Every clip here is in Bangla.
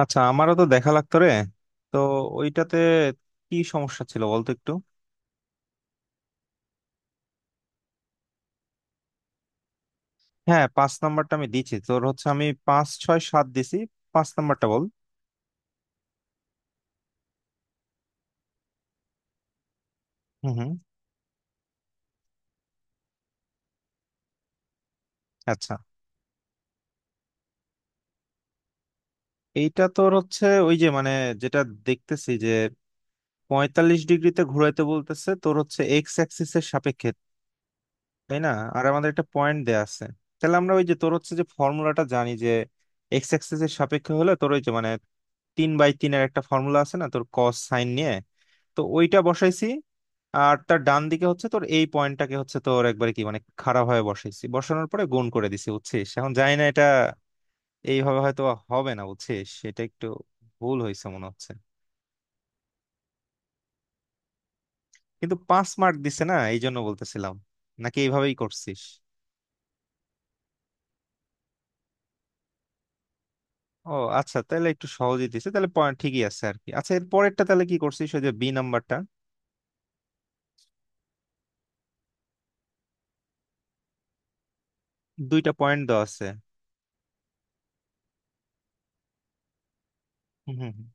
আচ্ছা আমারও তো দেখা লাগতো রে, তো ওইটাতে কি সমস্যা ছিল বলতো একটু। হ্যাঁ, পাঁচ নাম্বারটা আমি দিছি, তোর হচ্ছে আমি পাঁচ ছয় সাত দিছি। পাঁচ নাম্বারটা বল। হুম হুম। আচ্ছা, এইটা তোর হচ্ছে ওই যে মানে, যেটা দেখতেছি যে পঁয়তাল্লিশ ডিগ্রিতে ঘুরাইতে বলতেছে, তোর হচ্ছে এক্স অ্যাক্সিস এর সাপেক্ষে, তাই না? আর আমাদের একটা পয়েন্ট দেয়া আছে। তাহলে আমরা ওই যে তোর হচ্ছে যে ফর্মুলাটা জানি, যে এক্স অ্যাক্সিস এর সাপেক্ষে হলে তোর ওই যে মানে 3 বাই 3-এর একটা ফর্মুলা আছে না, তোর কস সাইন নিয়ে, তো ওইটা বসাইছি। আর তার ডান দিকে হচ্ছে তোর এই পয়েন্টটাকে হচ্ছে তোর একবারে কি মানে খারাপ ভাবে বসাইছি, বসানোর পরে গুণ করে দিছি, বুঝছিস? এখন জানি না এটা এইভাবে হয়তো হবে না, বুঝছিস, এটা একটু ভুল হয়েছে মনে হচ্ছে। কিন্তু 5 মার্ক দিছে না, এই জন্য বলতেছিলাম, নাকি এইভাবেই করছিস? ও আচ্ছা, তাহলে একটু সহজেই দিছে তাহলে, পয়েন্ট ঠিকই আছে আর কি। আচ্ছা, এর পরেরটা তাহলে কি করছিস, ওই যে বি নাম্বারটা? দুইটা পয়েন্ট দেওয়া আছে। হুম হুম হুম।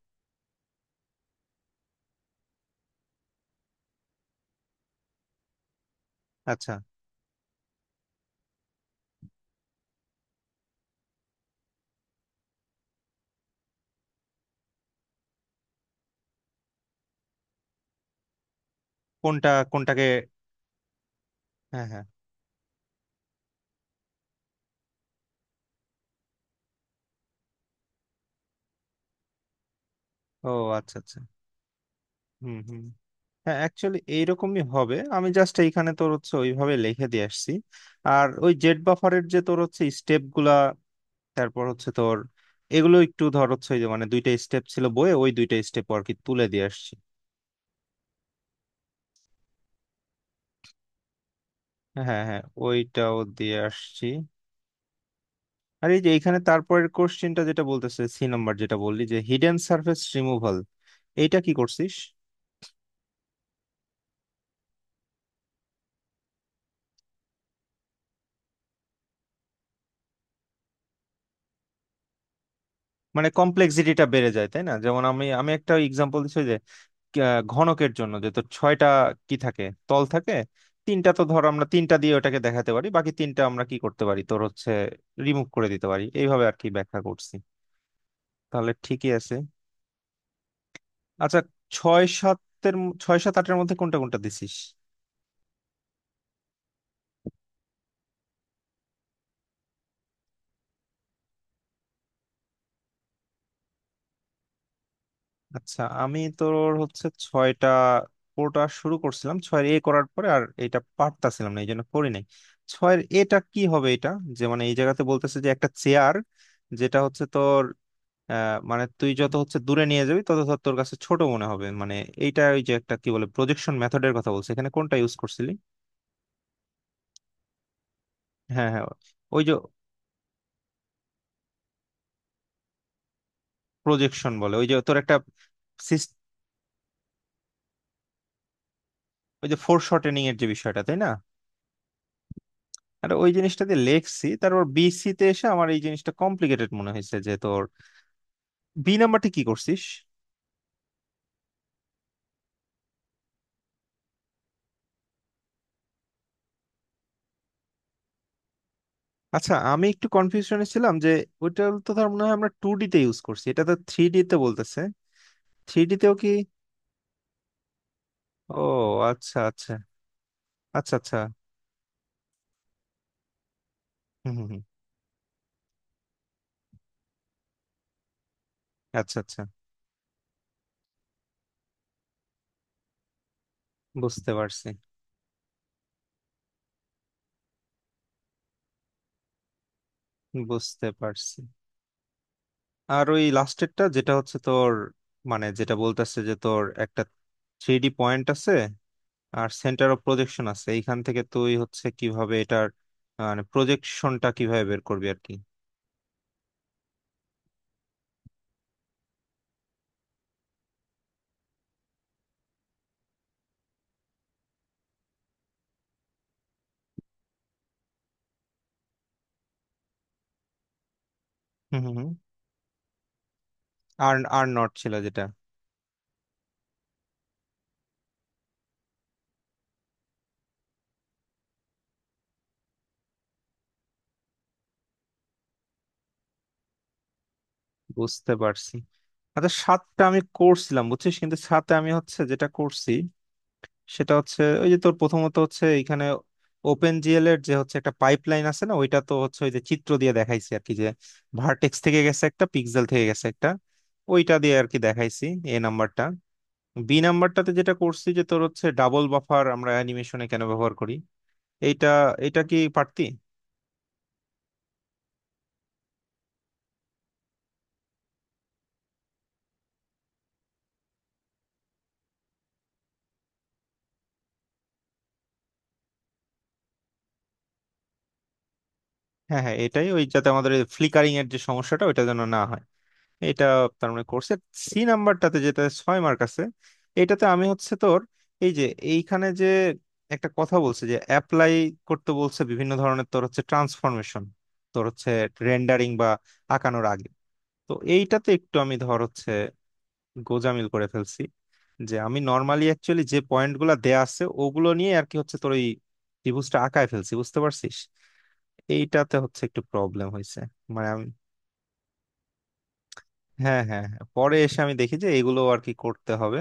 আচ্ছা, কোনটা কোনটাকে? হ্যাঁ হ্যাঁ। ও আচ্ছা আচ্ছা। হুম হুম। হ্যাঁ, অ্যাকচুয়ালি এইরকমই হবে, আমি জাস্ট এইখানে তোর হচ্ছে ওইভাবে লিখে দিয়ে আসছি। আর ওই জেট বাফারের যে তোর হচ্ছে স্টেপ গুলা, তারপর হচ্ছে তোর এগুলো একটু ধর হচ্ছে ওই যে মানে দুইটা স্টেপ ছিল বইয়ে, ওই দুইটা স্টেপ আর কি তুলে দিয়ে আসছি। হ্যাঁ হ্যাঁ, ওইটাও দিয়ে আসছি। আর এই যে এইখানে তারপরের কোশ্চেনটা যেটা বলতেছে সি নাম্বার, যেটা বললি যে হিডেন সারফেস রিমুভাল, এইটা কি করছিস? মানে কমপ্লেক্সিটিটা বেড়ে যায়, তাই না? যেমন আমি আমি একটা এক্সাম্পল দিচ্ছি। ঘনকের জন্য যে তো ছয়টা কি থাকে, তল থাকে তিনটা। তো ধর আমরা তিনটা দিয়ে ওটাকে দেখাতে পারি, বাকি তিনটা আমরা কি করতে পারি, তোর হচ্ছে রিমুভ করে দিতে পারি, এইভাবে আর কি ব্যাখ্যা করছি। তাহলে ঠিকই আছে। আচ্ছা, ছয় সাত আটের মধ্যে কোনটা কোনটা দিছিস? আচ্ছা আমি তোর হচ্ছে ছয়টা কোটা শুরু করছিলাম, ছয়ের এ করার পরে আর এটা পারতাছিলাম না, এই জন্য করি নাই। ছয়ের এটা কি হবে, এটা? যে মানে এই জায়গাতে বলতেছে যে একটা চেয়ার, যেটা হচ্ছে তোর, মানে তুই যত হচ্ছে দূরে নিয়ে যাবি তত ধর তোর কাছে ছোট মনে হবে, মানে এইটা ওই যে একটা কি বলে প্রজেকশন মেথডের কথা বলছে, এখানে কোনটা ইউজ করছিলি? হ্যাঁ হ্যাঁ, ওই যে প্রজেকশন বলে ওই যে তোর একটা, সিস- ওই যে ফোর শর্টেনিং এর যে বিষয়টা, তাই না? আর ওই জিনিসটা দিয়ে লেখছি। তারপর বিসি তে এসে আমার এই জিনিসটা কমপ্লিকেটেড মনে হয়েছে, যে তোর বি নাম্বারটি কি করছিস? আচ্ছা আমি একটু কনফিউশনে ছিলাম যে ওইটা তো ধর মনে হয় আমরা টু ডি তে ইউজ করছি, এটা তো থ্রি ডি তে বলতেছে। থ্রি ডি তেও কি? ও আচ্ছা আচ্ছা। আচ্ছা আচ্ছা। হুম হুম হুম। আচ্ছা আচ্ছা। বুঝতে পারছি। বুঝতে পারছি। আর ওই লাস্টেরটা যেটা হচ্ছে তোর, মানে যেটা বলতেছে যে তোর একটা থ্রি ডি পয়েন্ট আছে আর সেন্টার অফ প্রজেকশন আছে, এইখান থেকে তুই হচ্ছে কিভাবে এটার, মানে প্রজেকশনটা কিভাবে বের করবি আর কি? হুম হুম হুম। আর আর নট ছিল, যেটা। বুঝতে পারছি। আচ্ছা, সাতটা আমি করছিলাম বুঝছিস, কিন্তু সাথে আমি হচ্ছে যেটা করছি সেটা হচ্ছে ওই যে তোর প্রথমত হচ্ছে এখানে ওপেন জিএল এর যে হচ্ছে একটা পাইপলাইন আছে না, ওইটা তো হচ্ছে ওই যে চিত্র দিয়ে দেখাইছি আর কি, যে ভার্টেক্স থেকে গেছে একটা, পিক্সেল থেকে গেছে একটা, ওইটা দিয়ে আর কি দেখাইছি, এ নাম্বারটা। বি নাম্বারটাতে যেটা করছি যে তোর হচ্ছে ডাবল বাফার আমরা অ্যানিমেশনে কেন ব্যবহার করি, এইটা, এটা কি পারতি? হ্যাঁ হ্যাঁ, এটাই, ওই যাতে আমাদের ফ্লিকারিং এর যে সমস্যাটা ওইটা যেন না হয়, এটা। তার মানে কোর্সে সি নাম্বারটাতে যেটা 6 মার্ক আছে, এটাতে আমি হচ্ছে তোর এই যে এইখানে যে একটা কথা বলছে যে অ্যাপ্লাই করতে বলছে বিভিন্ন ধরনের তোর হচ্ছে ট্রান্সফরমেশন, তোর হচ্ছে রেন্ডারিং বা আঁকানোর আগে, তো এইটাতে একটু আমি ধর হচ্ছে গোজামিল করে ফেলছি, যে আমি নর্মালি অ্যাকচুয়ালি যে পয়েন্টগুলো দেয়া আছে ওগুলো নিয়ে আর কি হচ্ছে তোর ওই ত্রিভুজটা আঁকায় ফেলছি, বুঝতে পারছিস, এইটাতে হচ্ছে একটু প্রবলেম হয়েছে। মানে হ্যাঁ হ্যাঁ হ্যাঁ। পরে এসে আমি দেখি যে এগুলো আর কি করতে হবে,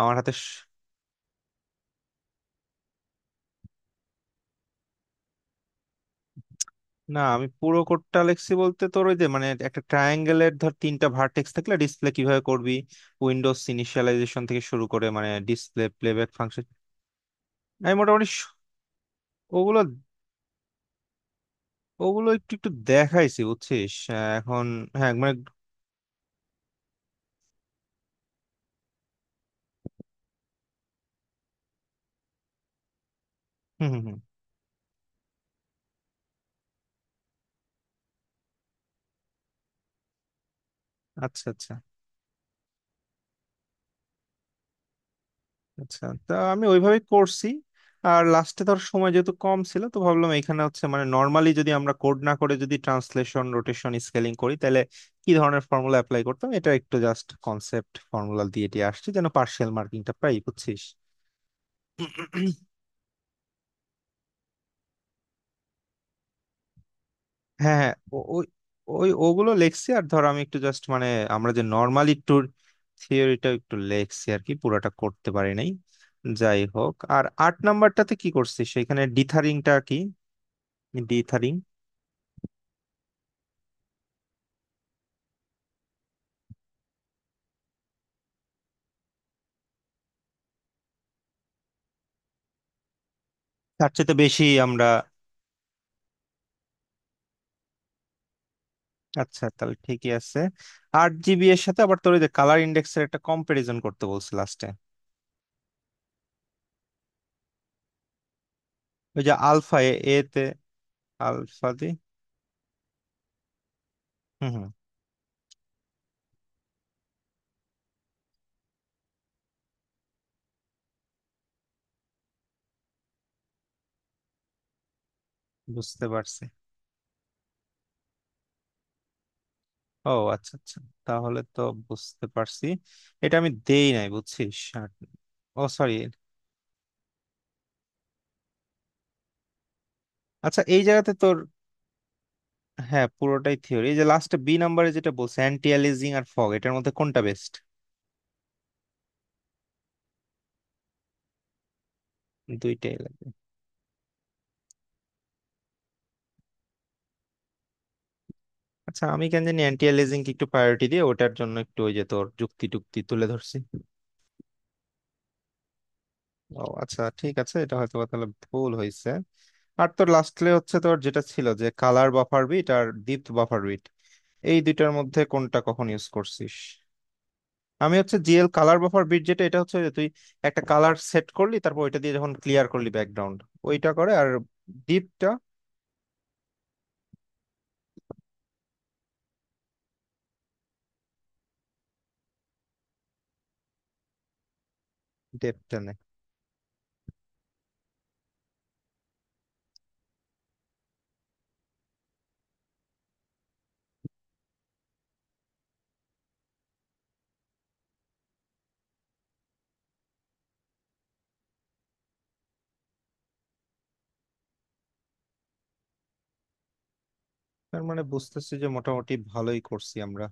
আমার হাতে না, আমি পুরো কোডটা লিখছি বলতে তোর ওই যে মানে একটা ট্রায়াঙ্গেলের ধর তিনটা ভার্টেক্স থাকলে ডিসপ্লে কিভাবে করবি, উইন্ডোজ ইনিশিয়ালাইজেশন থেকে শুরু করে মানে ডিসপ্লে প্লেব্যাক ফাংশন। আমি মোটামুটি স- ওগুলো ওগুলো একটু একটু দেখাইছি বুঝছিস এখন। হ্যাঁ মানে। হুম হুম হুম। আচ্ছা আচ্ছা। আচ্ছা, তা আমি ওইভাবেই করছি। আর লাস্টে ধর সময় যেহেতু কম ছিল, তো ভাবলাম এখানে হচ্ছে মানে নর্মালি যদি আমরা কোড না করে যদি ট্রান্সলেশন রোটেশন স্কেলিং করি, তাহলে কি ধরনের ফর্মুলা অ্যাপ্লাই করতাম, এটা একটু জাস্ট কনসেপ্ট ফর্মুলা দিয়ে দিয়ে আসছি, যেন পার্শিয়াল মার্কিংটা পাই, বুঝছিস। হ্যাঁ হ্যাঁ। ওই ওই ওগুলো লেখছি। আর ধর আমি একটু জাস্ট মানে আমরা যে নর্মালি ট্যুর, থিওরিটা একটু লেখছি আর কি, পুরোটা করতে পারি নাই। যাই হোক, আর আট নাম্বারটাতে কি করছিস, সেখানে ডিথারিংটা কি, ডিথারিং? তার চেয়ে তো বেশি আমরা। আচ্ছা, তাহলে ঠিকই আছে। 8 জিবি এর সাথে আবার তোর ওই যে কালার ইন্ডেক্সের একটা কম্পারিজন করতে বলছে লাস্টে, ওই যে আলফা, এ এ তে আলফা, হুম হুম। বুঝতে পারছি। ও আচ্ছা আচ্ছা। তাহলে তো বুঝতে পারছি। এটা আমি দেই নাই বুঝছিস। ও সরি। আচ্ছা, এই জায়গাতে তোর, হ্যাঁ পুরোটাই থিওরি। এই যে লাস্টে বি নাম্বারে যেটা বলছে অ্যান্টি অ্যালিজিং আর ফগ, এটার মধ্যে কোনটা বেস্ট? দুইটাই লাগে। আচ্ছা আমি কেন জানি অ্যান্টি এলিজিং কে একটু প্রায়োরিটি দিয়ে ওটার জন্য একটু ওই যে তোর যুক্তি টুক্তি তুলে ধরছি। ও আচ্ছা, ঠিক আছে, এটা হয়তো বা তাহলে ভুল হয়েছে। আর তোর লাস্টলি হচ্ছে তোর যেটা ছিল যে কালার বাফার বিট আর ডিপথ বাফার বিট, এই দুইটার মধ্যে কোনটা কখন ইউজ করছিস? আমি হচ্ছে জিএল কালার বাফার বিট যেটা, এটা হচ্ছে যে তুই একটা কালার সেট করলি, তারপর ওইটা দিয়ে যখন ক্লিয়ার করলি ব্যাকগ্রাউন্ড, ওইটা করে। আর ডিপটা, ডেপটা নেয়। তার মানে বুঝতেছি যে মোটামুটি ভালোই করছি আমরা।